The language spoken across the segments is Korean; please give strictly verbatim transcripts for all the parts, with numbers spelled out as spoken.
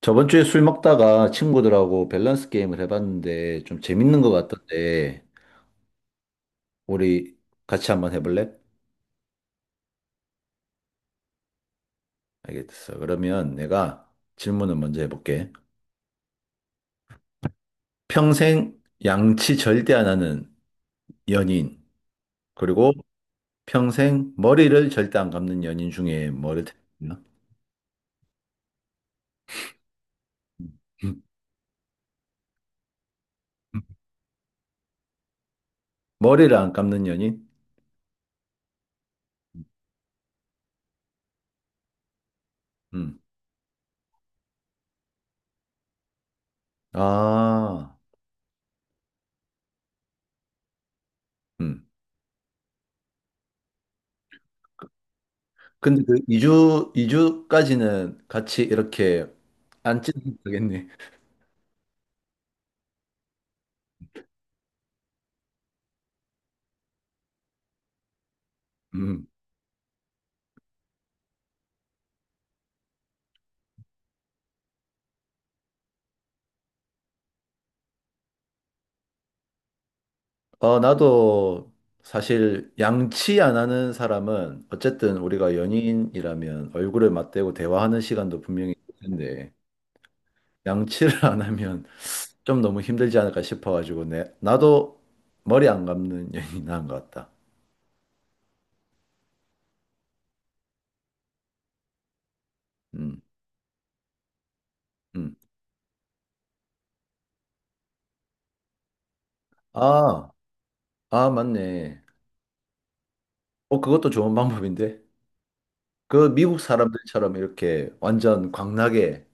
저번 주에 술 먹다가 친구들하고 밸런스 게임을 해봤는데 좀 재밌는 것 음, 같던데. 우리 같이 한번 해볼래? 알겠어. 그러면 내가 질문을 먼저 해볼게. 평생 양치 절대 안 하는 연인, 그리고 평생 머리를 절대 안 감는 연인 중에 뭐를 택하나? 음. 음. 머리를 안 감는 연인? 음. 아. 음. 근데 그 이 주, 이주까지는 같이 이렇게 안 찢어도 되겠네. 음. 어, 나도 사실 양치 안 하는 사람은 어쨌든 우리가 연인이라면 얼굴을 맞대고 대화하는 시간도 분명히 있을 텐데 양치를 안 하면 좀 너무 힘들지 않을까 싶어가지고 내, 나도 머리 안 감는 연인이 나은 것 같다. 음, 음. 아, 아, 맞네. 어, 그것도 좋은 방법인데. 그 미국 사람들처럼 이렇게 완전 광나게.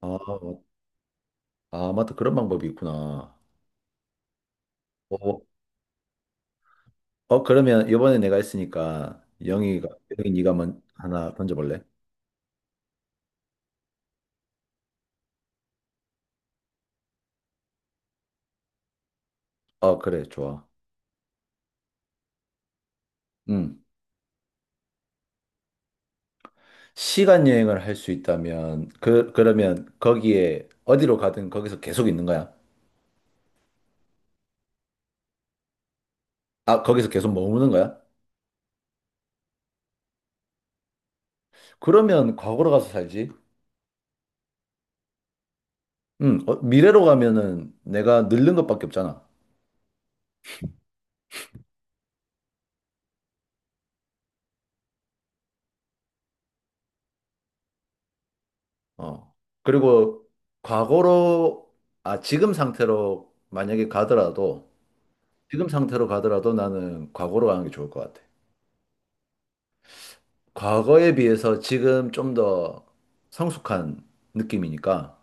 아, 아, 맞다. 그런 방법이 있구나. 어, 어, 그러면 이번에 내가 했으니까 영희가 영희 네가 먼 하나 던져볼래? 어, 그래, 좋아. 음. 시간 여행을 할 수 있다면 그 그러면 거기에 어디로 가든 거기서 계속 있는 거야? 아, 거기서 계속 머무는 거야? 그러면 과거로 가서 살지. 음, 어, 미래로 가면은 내가 늙는 것밖에 없잖아. 어. 그리고 과거로 아, 지금 상태로 만약에 가더라도 지금 상태로 가더라도 나는 과거로 가는 게 좋을 것 같아. 과거에 비해서 지금 좀 더 성숙한 느낌이니까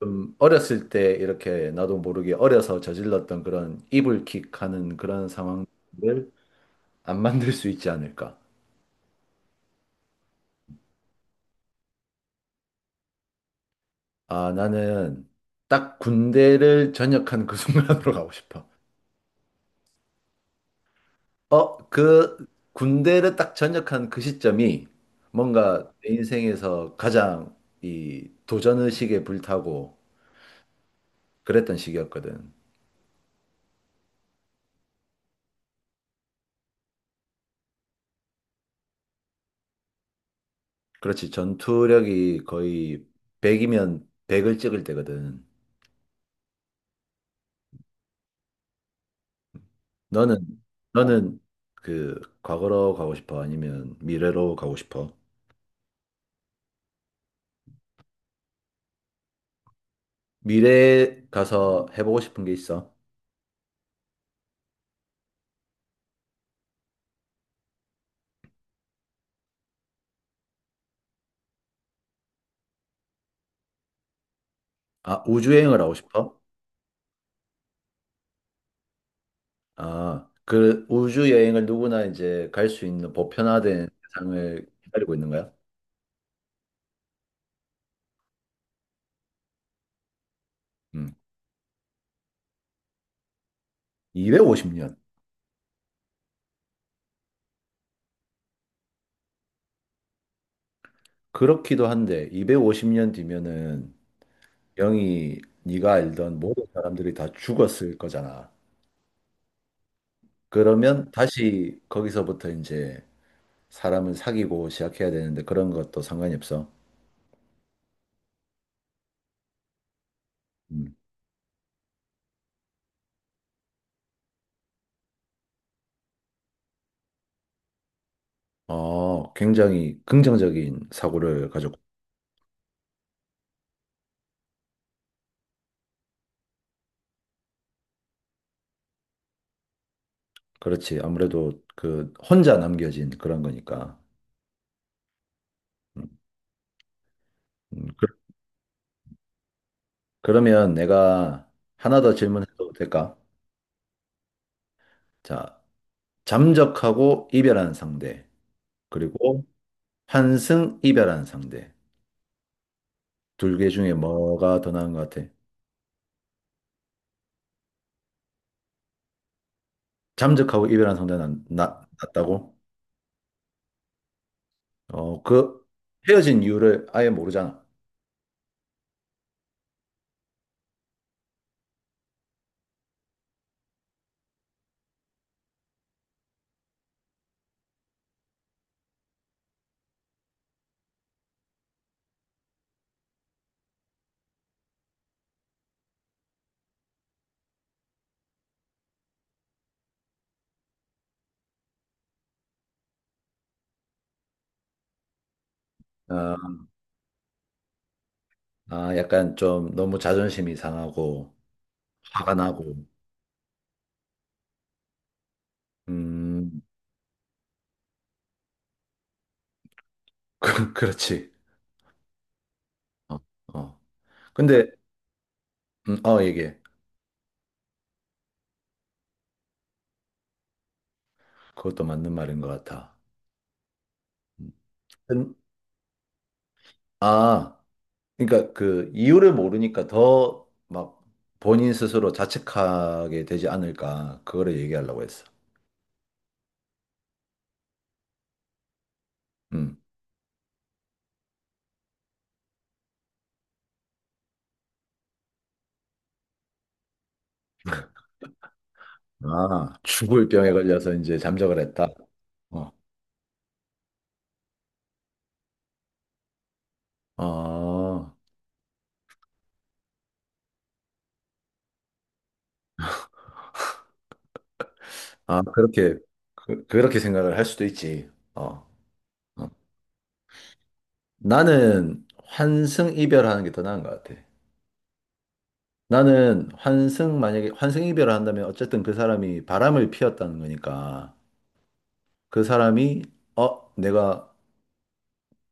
좀 어렸을 때 이렇게 나도 모르게 어려서 저질렀던 그런 이불킥 하는 그런 상황을 안 만들 수 있지 않을까. 아, 나는 딱 군대를 전역한 그 순간으로 가고 싶어. 어, 그 군대를 딱 전역한 그 시점이 뭔가 내 인생에서 가장 이 도전 의식에 불타고 그랬던 시기였거든. 그렇지. 전투력이 거의 백이면 백을 찍을 때거든. 너는, 너는 그 과거로 가고 싶어? 아니면 미래로 가고 싶어? 미래에 가서 해보고 싶은 게 있어? 아, 우주여행을 하고 싶어? 아, 그 우주여행을 누구나 이제 갈 수 있는 보편화된 세상을 기다리고 있는 거야? 음. 이백오십 년. 그렇기도 한데, 이백오십 년 뒤면은 영이 네가 알던 모든 사람들이 다 죽었을 거잖아. 그러면 다시 거기서부터 이제 사람을 사귀고 시작해야 되는데 그런 것도 상관이 없어. 음. 어, 굉장히 긍정적인 사고를 가졌고. 그렇지. 아무래도 그 혼자 남겨진 그런 거니까. 음, 음, 그, 러면 내가 하나 더 질문해도 될까? 자, 잠적하고 이별한 상대, 그리고 환승 이별한 상대. 둘 개 중에 뭐가 더 나은 것 같아? 잠적하고 이별한 상대는 나, 낫다고? 어, 그 헤어진 이유를 아예 모르잖아. 어, 아, 아, 약간 좀 너무 자존심이 상하고 화가 나고. 음. 그, 그렇지. 어, 어. 근데 음, 어, 얘기해. 그것도 맞는 말인 것 같아. 음, 근- 아, 그러니까 그 이유를 모르니까 더 막 본인 스스로 자책하게 되지 않을까. 그거를 얘기하려고 했어. 음. 아, 죽을 병에 걸려서 이제 잠적을 했다. 어. 아. 아, 그렇게, 그, 그렇게 생각을 할 수도 있지. 어, 어. 나는 환승 이별하는 게 더 나은 것 같아. 나는 환승, 만약에 환승 이별을 한다면 어쨌든 그 사람이 바람을 피웠다는 거니까 그 사람이, 어, 내가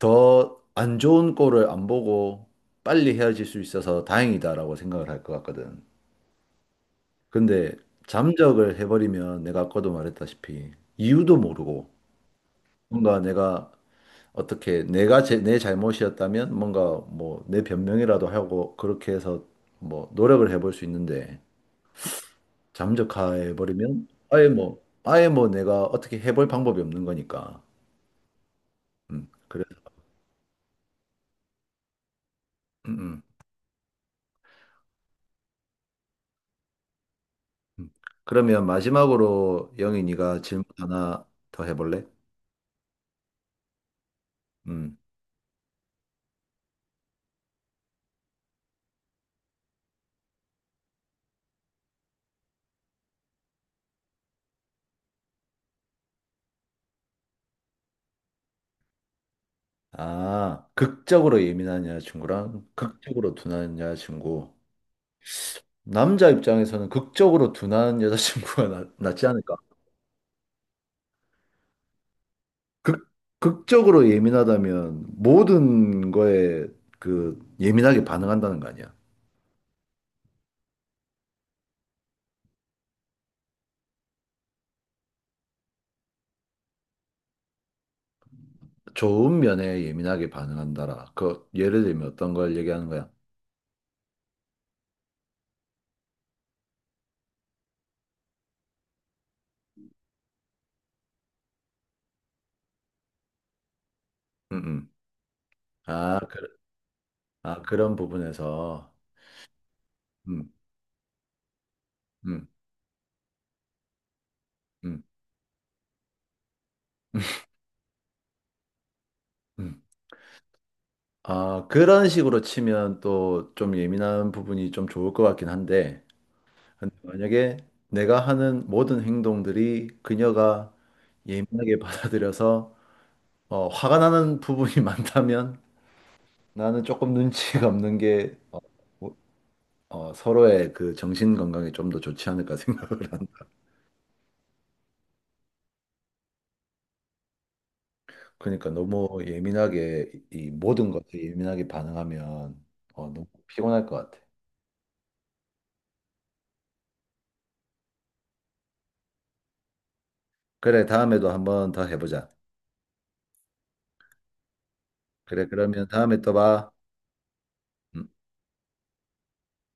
더 안 좋은 꼴을 안 보고 빨리 헤어질 수 있어서 다행이다라고 생각을 할 것 같거든. 근데 잠적을 해버리면 내가 아까도 말했다시피 이유도 모르고 뭔가 내가 어떻게 내가 제, 내 잘못이었다면 뭔가 뭐 내 변명이라도 하고 그렇게 해서 뭐 노력을 해볼 수 있는데 잠적해 버리면 아예 뭐 아예 뭐 내가 어떻게 해볼 방법이 없는 거니까. 음. 그래서. 음, 음, 음. 그러면 마지막으로 영희 네가 질문 하나 더 해볼래? 음. 아, 극적으로 예민한 여자친구랑 극적으로 둔한 여자친구. 남자 입장에서는 극적으로 둔한 여자친구가 나, 낫지 않을까? 극, 극적으로 예민하다면 모든 거에 그 예민하게 반응한다는 거 아니야? 좋은 면에 예민하게 반응한다라. 그 예를 들면 어떤 걸 얘기하는 거야? 음, 음. 아, 그, 아, 그런 부분에서 음, 음, 음, 음. 아, 그런 식으로 치면 또 좀 예민한 부분이 좀 좋을 것 같긴 한데 근데 만약에 내가 하는 모든 행동들이 그녀가 예민하게 받아들여서 어, 화가 나는 부분이 많다면 나는 조금 눈치가 없는 게 어, 뭐, 어, 서로의 그 정신 건강에 좀 더 좋지 않을까 생각을 한다. 그러니까 너무 예민하게 이 모든 것에 예민하게 반응하면 어, 너무 피곤할 것 같아. 그래, 다음에도 한번 더 해보자. 그래, 그러면 다음에 또 봐. 음.